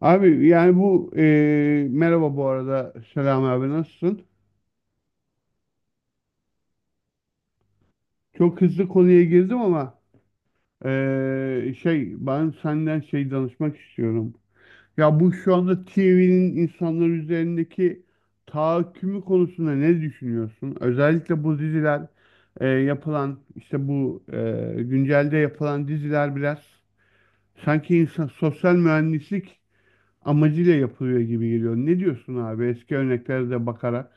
Abi, yani merhaba bu arada. Selam abi, nasılsın? Çok hızlı konuya girdim ama. Şey, ben senden şey danışmak istiyorum. Ya bu şu anda TV'nin insanlar üzerindeki tahakkümü konusunda ne düşünüyorsun? Özellikle bu diziler, yapılan işte güncelde yapılan diziler biraz sanki insan sosyal mühendislik amacıyla yapılıyor gibi geliyor. Ne diyorsun abi, eski örneklere de bakarak?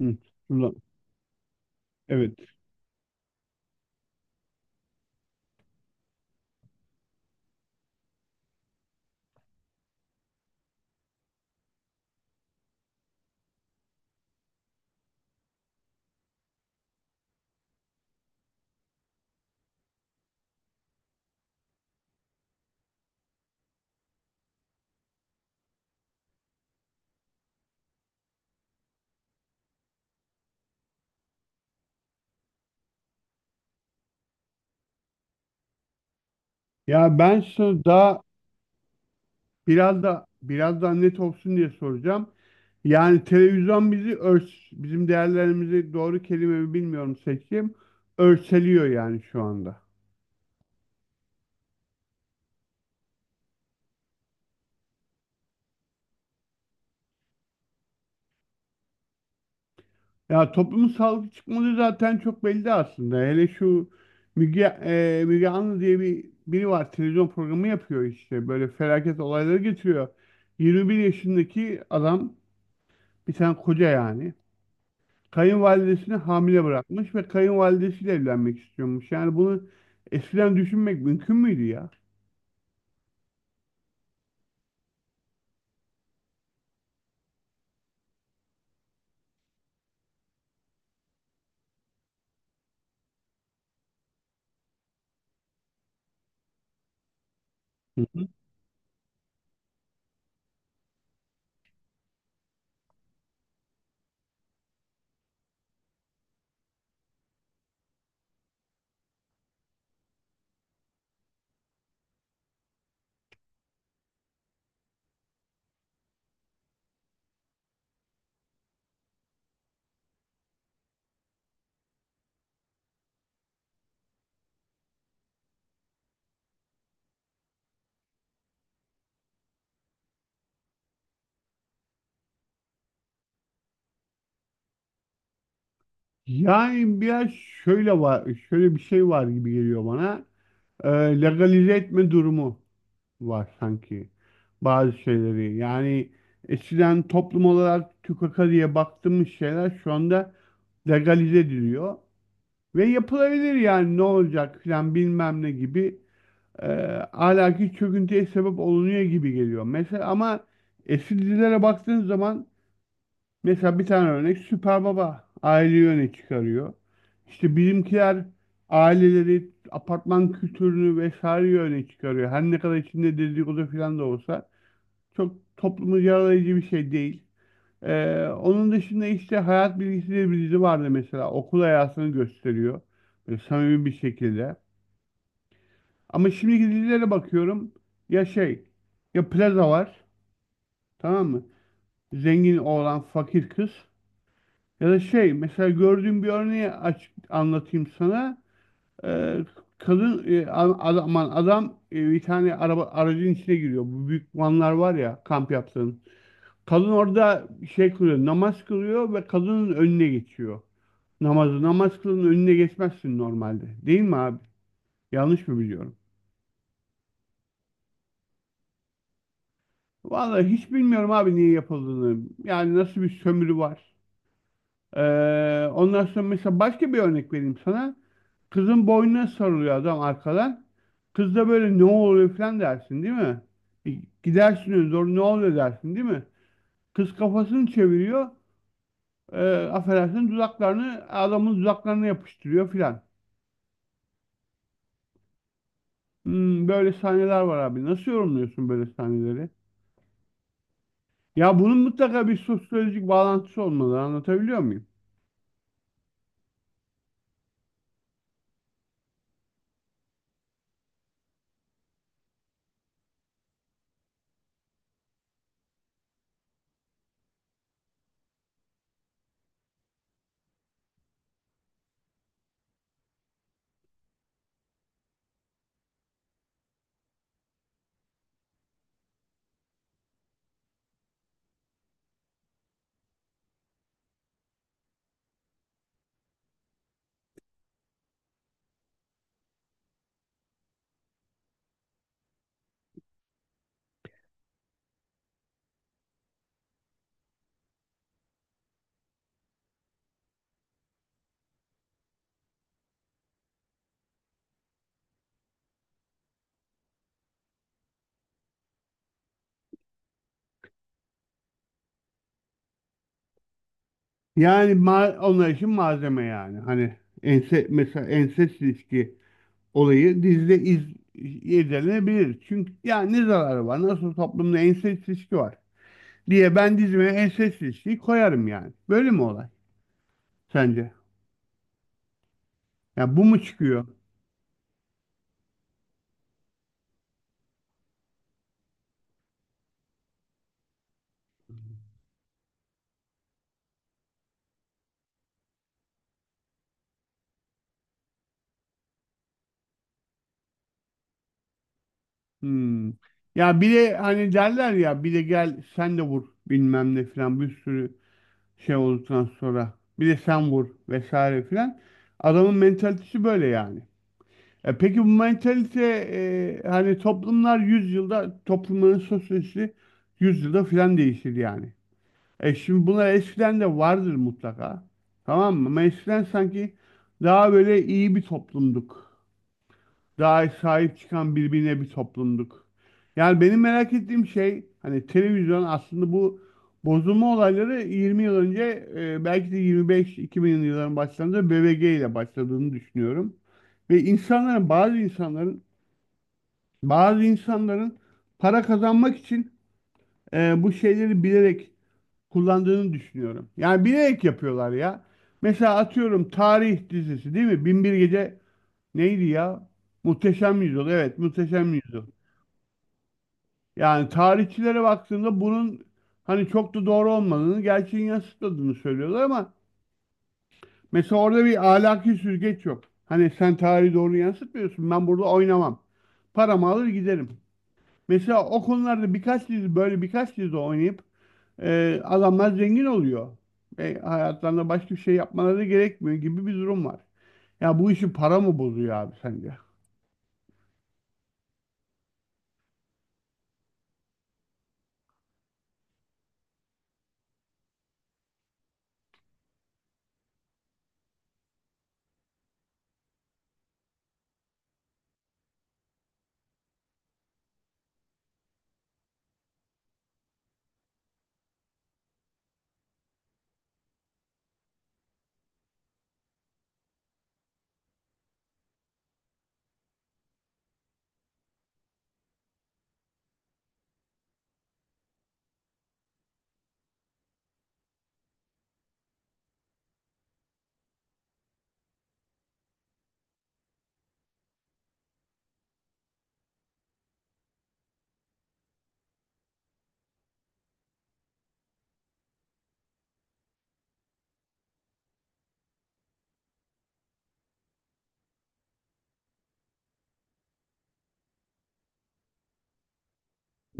Hı, şuradan. Evet. Ya ben sana daha biraz daha net olsun diye soracağım. Yani televizyon bizi örs, bizim değerlerimizi doğru kelime mi bilmiyorum seçeyim. Örseliyor yani şu anda. Ya toplumun sağlıklı çıkmadığı zaten çok belli aslında. Hele şu Müge Anlı diye bir biri var. Televizyon programı yapıyor işte. Böyle felaket olayları getiriyor. 21 yaşındaki adam, bir tane koca yani, kayınvalidesini hamile bırakmış ve kayınvalidesiyle evlenmek istiyormuş. Yani bunu eskiden düşünmek mümkün müydü ya? Hı hı. Yani biraz şöyle var, şöyle bir şey var gibi geliyor bana. Ee, legalize etme durumu var sanki bazı şeyleri. Yani eskiden toplum olarak tükaka diye baktığımız şeyler şu anda legalize ediliyor. Ve yapılabilir yani, ne olacak filan bilmem ne gibi e, ahlaki çöküntüye sebep olunuyor gibi geliyor. Mesela ama eski dizilere baktığın zaman, mesela bir tane örnek, Süper Baba, aileyi öne çıkarıyor. İşte bizimkiler aileleri, apartman kültürünü vesaire öne çıkarıyor. Her ne kadar içinde dedikodu falan da olsa çok toplumu yaralayıcı bir şey değil. E, onun dışında işte Hayat Bilgisi diye bir dizi vardı mesela. Okul hayatını gösteriyor. Böyle samimi bir şekilde. Ama şimdiki dizilere bakıyorum. Ya şey, ya plaza var. Tamam mı? Zengin oğlan, fakir kız. Ya da şey, mesela gördüğüm bir örneği aç, anlatayım sana. Ee, kadın, e, a- adam, aman adam e, bir tane aracın içine giriyor. Bu büyük vanlar var ya, kamp yaptığın. Kadın orada şey kılıyor, namaz kılıyor ve kadının önüne geçiyor. Namazı, namaz kılının önüne geçmezsin normalde. Değil mi abi? Yanlış mı biliyorum? Vallahi hiç bilmiyorum abi niye yapıldığını. Yani nasıl bir sömürü var. Ondan sonra mesela başka bir örnek vereyim sana. Kızın boynuna sarılıyor adam arkadan. Kız da böyle ne oluyor falan dersin değil mi? E, Gidersin öyle, doğru, ne oluyor dersin değil mi? Kız kafasını çeviriyor. E, affedersin, dudaklarını adamın dudaklarına yapıştırıyor filan. Böyle sahneler var abi. Nasıl yorumluyorsun böyle sahneleri? Ya bunun mutlaka bir sosyolojik bağlantısı olmalı. Anlatabiliyor muyum? Yani ma onlar için malzeme yani. Hani mesela ensest ilişki olayı dizide irdelenebilir. Çünkü ya ne zararı var? Nasıl toplumda ensest ilişki var diye ben dizime ensest ilişkiyi koyarım yani. Böyle mi olay sence? Ya bu mu çıkıyor? Hmm. Ya bir de hani derler ya, bir de gel sen de vur bilmem ne filan, bir sürü şey olduktan sonra bir de sen vur vesaire filan. Adamın mentalitesi böyle yani. E peki bu mentalite, hani toplumlar yüzyılda, toplumların sosyolojisi yüzyılda filan değişir yani. E şimdi bunlar eskiden de vardır mutlaka. Tamam mı? Ama eskiden sanki daha böyle iyi bir toplumduk. Daha sahip çıkan birbirine bir toplumduk. Yani benim merak ettiğim şey, hani televizyon aslında, bu bozulma olayları 20 yıl önce, belki de 25-2000 yılların başlarında BBG ile başladığını düşünüyorum. Ve insanların, bazı insanların para kazanmak için bu şeyleri bilerek kullandığını düşünüyorum. Yani bilerek yapıyorlar ya. Mesela atıyorum tarih dizisi değil mi? Bin bir Gece neydi ya? Muhteşem Yüzyıl. Evet, Muhteşem Yüzyıl. Yani tarihçilere baktığında bunun hani çok da doğru olmadığını, gerçeğin yansıtmadığını söylüyorlar ama mesela orada bir ahlaki süzgeç yok. Hani sen tarihi doğru yansıtmıyorsun. Ben burada oynamam. Paramı alır giderim. Mesela o konularda birkaç dizi, böyle birkaç dizi oynayıp adamlar zengin oluyor. Ve hayatlarında başka bir şey yapmaları da gerekmiyor gibi bir durum var. Ya bu işi para mı bozuyor abi sence?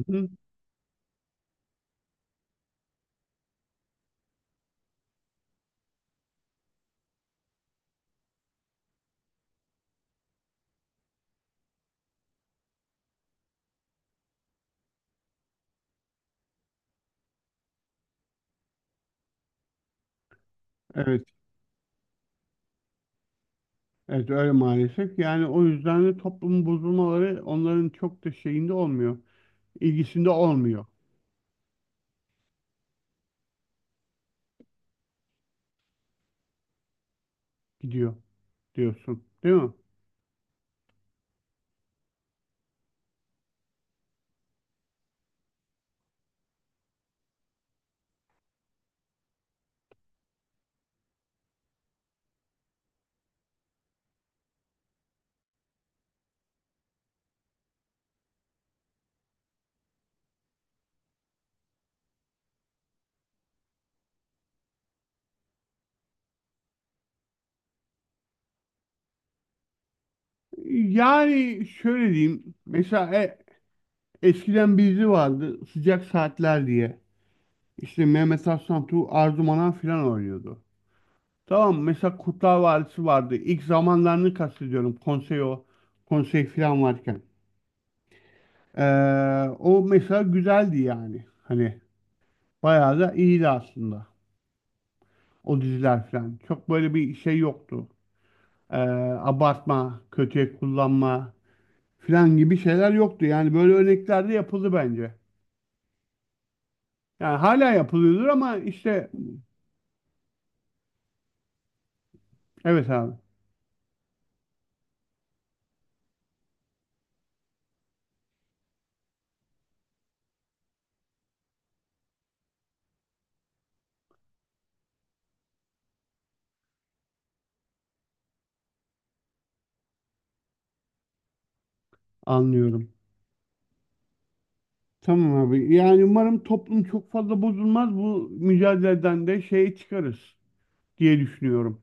Hı. Evet, evet, öyle maalesef. Yani o yüzden de toplumun bozulmaları onların çok da şeyinde olmuyor. İlgisinde olmuyor. Gidiyor diyorsun, değil mi? Yani şöyle diyeyim. Mesela eskiden bir dizi vardı Sıcak Saatler diye. İşte Mehmet Aslantu, Arzu Manan filan oynuyordu. Tamam, mesela Kurtlar Vadisi vardı. İlk zamanlarını kastediyorum. Konsey o. Konsey filan varken. O mesela güzeldi yani. Hani bayağı da iyiydi aslında. O diziler filan. Çok böyle bir şey yoktu. Ee, abartma, kötüye kullanma filan gibi şeyler yoktu. Yani böyle örnekler de yapıldı bence. Yani hala yapılıyordur ama işte evet abi, anlıyorum. Tamam abi. Yani umarım toplum çok fazla bozulmaz. Bu mücadeleden de şey çıkarız diye düşünüyorum.